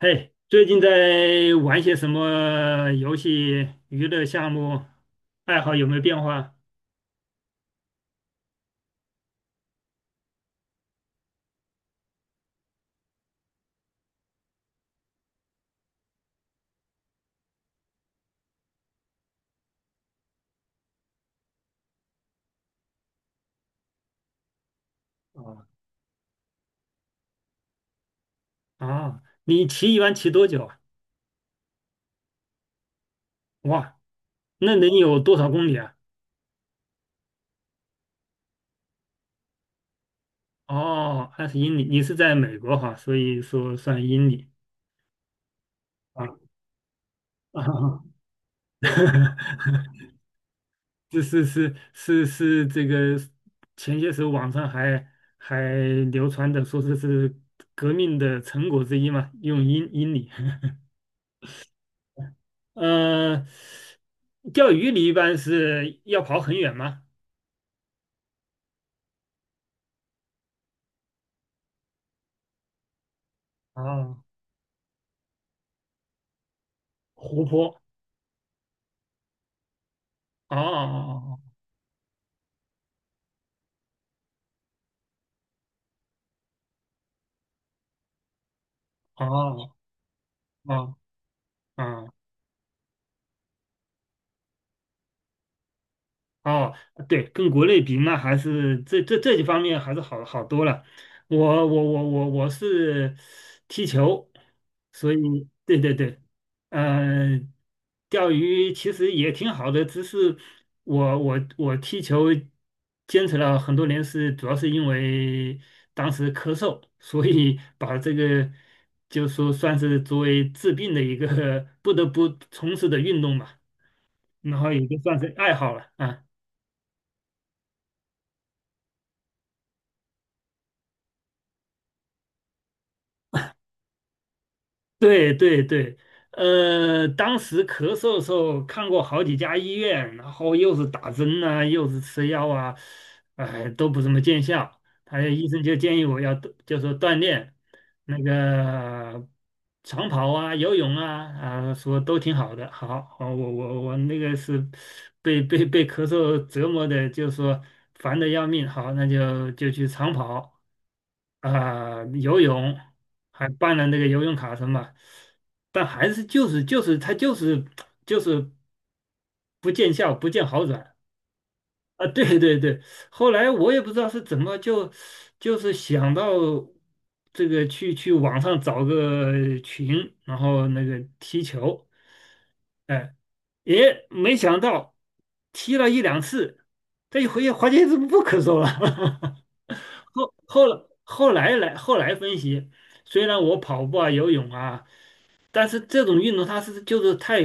嘿，最近在玩些什么游戏、娱乐项目？爱好有没有变化？啊，啊，一般骑多久啊？哇，那能有多少公里啊？哦，20英里。你是在美国哈，所以说算英里啊。啊，哈，是是是是是，这个前些时候网上还流传的说这是革命的成果之一嘛，用英里。嗯、钓鱼你一般是要跑很远吗？啊，湖泊。哦哦哦哦哦哦，哦哦，对，跟国内比，那还是这几方面还是好多了。我我我我我是踢球，所以对对对，呃，钓鱼其实也挺好的，只是我踢球坚持了很多年是，主要是因为当时咳嗽，所以把这个就说算是作为治病的一个 不得不从事的运动吧，然后也就算是爱好了啊。对对对，当时咳嗽的时候看过好几家医院，然后又是打针啊，又是吃药啊，哎，都不怎么见效。他医生就建议我要就说锻炼那个长跑啊、游泳啊，啊，说都挺好的。好，好，我那个是被咳嗽折磨的，就说烦的要命。好，那就去长跑。啊、游泳还办了那个游泳卡什么，但还是就是他就是不见效，不见好转啊！对对对，后来我也不知道是怎么就是想到这个去网上找个群，然后那个踢球，哎，也没想到踢了一两次，这一回发现是不咳嗽了。后来分析，虽然我跑步啊、游泳啊，但是这种运动它就是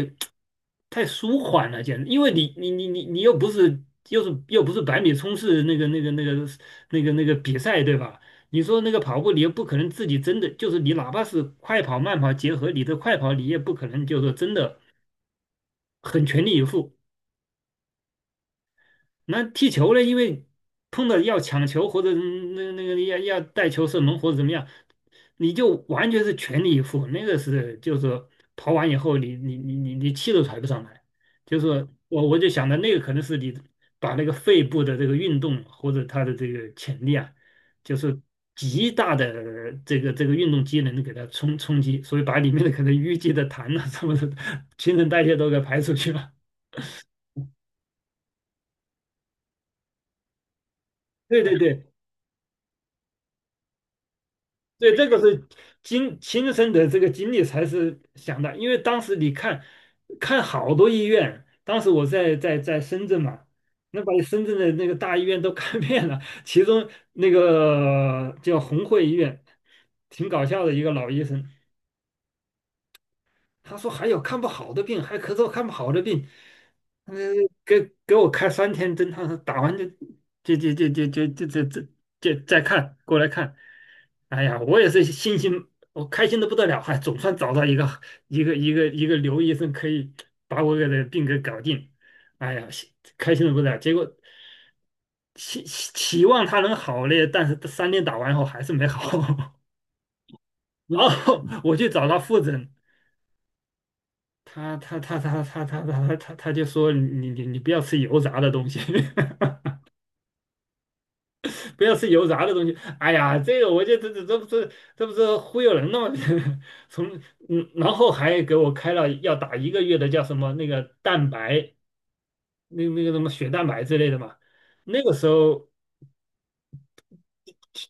太舒缓了，简直，因为你又不是又不是百米冲刺那个比赛对吧？你说那个跑步，你又不可能自己真的就是你，哪怕是快跑慢跑结合你的快跑，你也不可能就是真的很全力以赴。那踢球呢，因为碰到要抢球或者那个要带球射门或者怎么样，你就完全是全力以赴，那个就是说跑完以后你气都喘不上来，就是说我就想着那个可能是你把那个肺部的这个运动或者它的这个潜力啊，就是极大的这个运动机能给它冲击，所以把里面的可能淤积的痰啊什么的，新陈代谢都给排出去了。对对对，对，这个是经亲身的这个经历才是想的，因为当时你看，看好多医院，当时我在深圳嘛，那把深圳的那个大医院都 看遍了，其中那个叫红会医院，挺搞笑的一个老医生，他说还有看不好的病，还咳嗽看不好的病，嗯，给给我开三天灯他说打完就就就就就就就就就就再看过来看。哎呀，我也是信心，我开心的不得了，还总算找到一个刘医生可以把我给的病给搞定。哎呀，心开心的不得了。结果期望他能好嘞，但是三天打完后还是没好。然后我去找他复诊，他就说你不要吃油炸的东西。不要吃油炸的东西。哎呀，这个我觉得这不是忽悠人的吗？从然后还给我开了要打一个月的叫什么那个蛋白，那个什么血蛋白之类的嘛。那个时候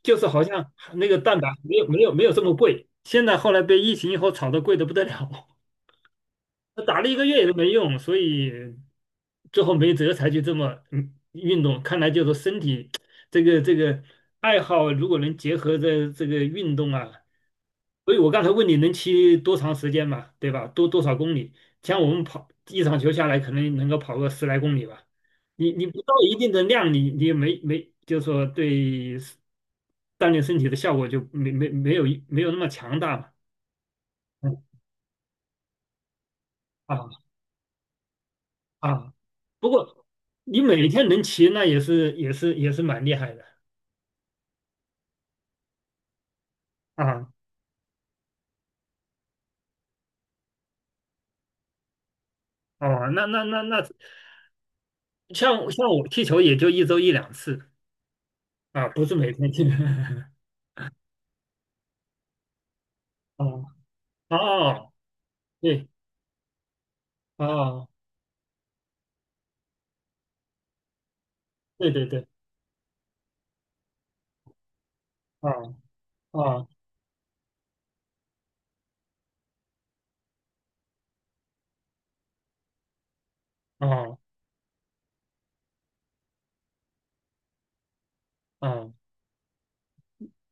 就是好像那个蛋白没有这么贵，现在后来被疫情以后炒得贵得不得了。打了一个月也都没用，所以最后没辙才去这么运动。看来就是身体这个爱好，如果能结合着这个运动啊，所以我刚才问你能骑多长时间嘛，对吧？多少公里？像我们跑一场球下来，可能能够跑个10来公里吧。你不到一定的量，你也没没就是说对锻炼身体的效果就没有那么强大嘛。嗯，好。啊，不过你每天能骑，那也是蛮厉害的啊。哦，那，像我踢球也就一周一两次啊，不是每天踢。哦哦，对，哦，对对对，哦哦哦哦，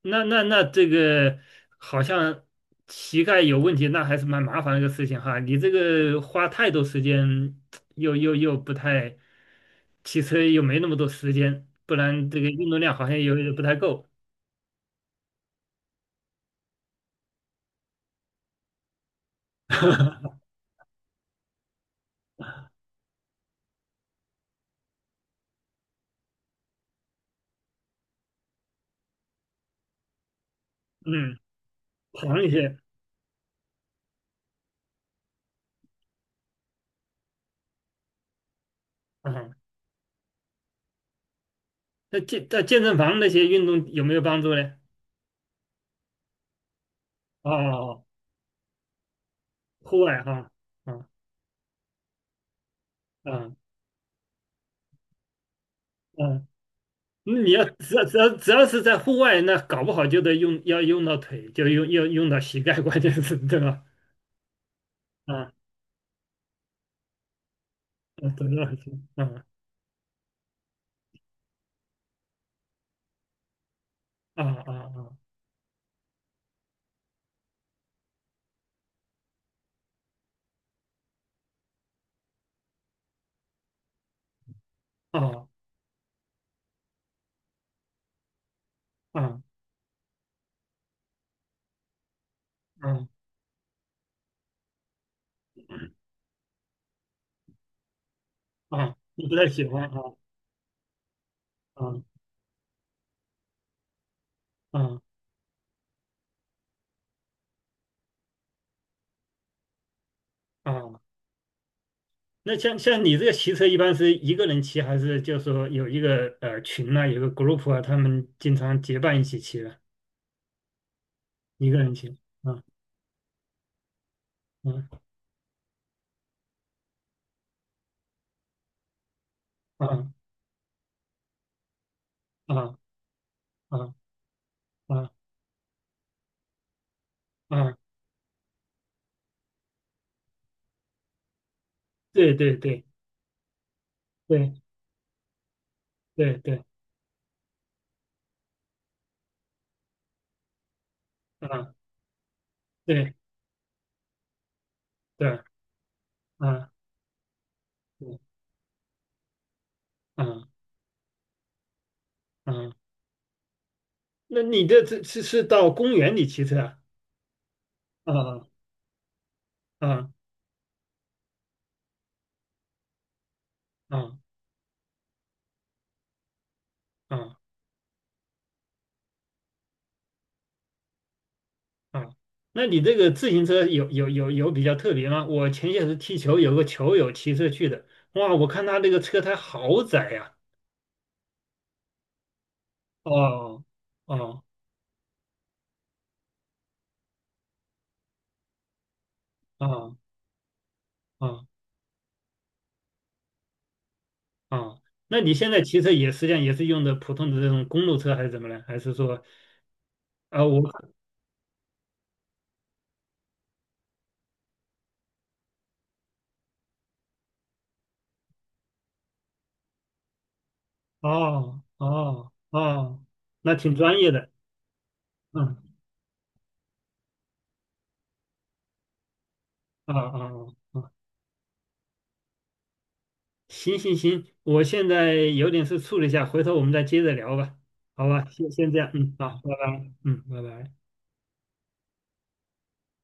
那这个好像膝盖有问题，那还是蛮麻烦的一个事情哈。你这个花太多时间，又不太，骑车又没那么多时间，不然这个运动量好像有点不太够。嗯，长一些啊。那在健身房那些运动有没有帮助呢？哦，户外哈，啊啊啊！那你要只要只要只要是在户外，那搞不好就得要用到腿，就要用到膝盖，关键是对吧？啊啊，对，嗯啊啊啊啊啊啊啊，你不太喜欢啊啊啊啊。那像你这个骑车，一般是一个人骑，还是就是说有一个群呐、有个 group 啊，他们经常结伴一起骑的，一个人骑。啊啊啊啊啊啊啊！对对对对对对啊对对啊对啊啊！那你这是到公园里骑车啊？啊啊啊！啊啊，那你这个自行车有比较特别吗？我前些时踢球，有个球友骑车去的，哇，我看他那个车胎好窄呀、哦哦哦哦哦，那你现在骑车也实际上也是用的普通的这种公路车还是怎么呢？还是说啊、我哦哦哦，那挺专业的，嗯啊啊啊，啊行行行，我现在有点事处理一下，回头我们再接着聊吧，好吧，先这样，嗯，好，拜拜，嗯，拜拜。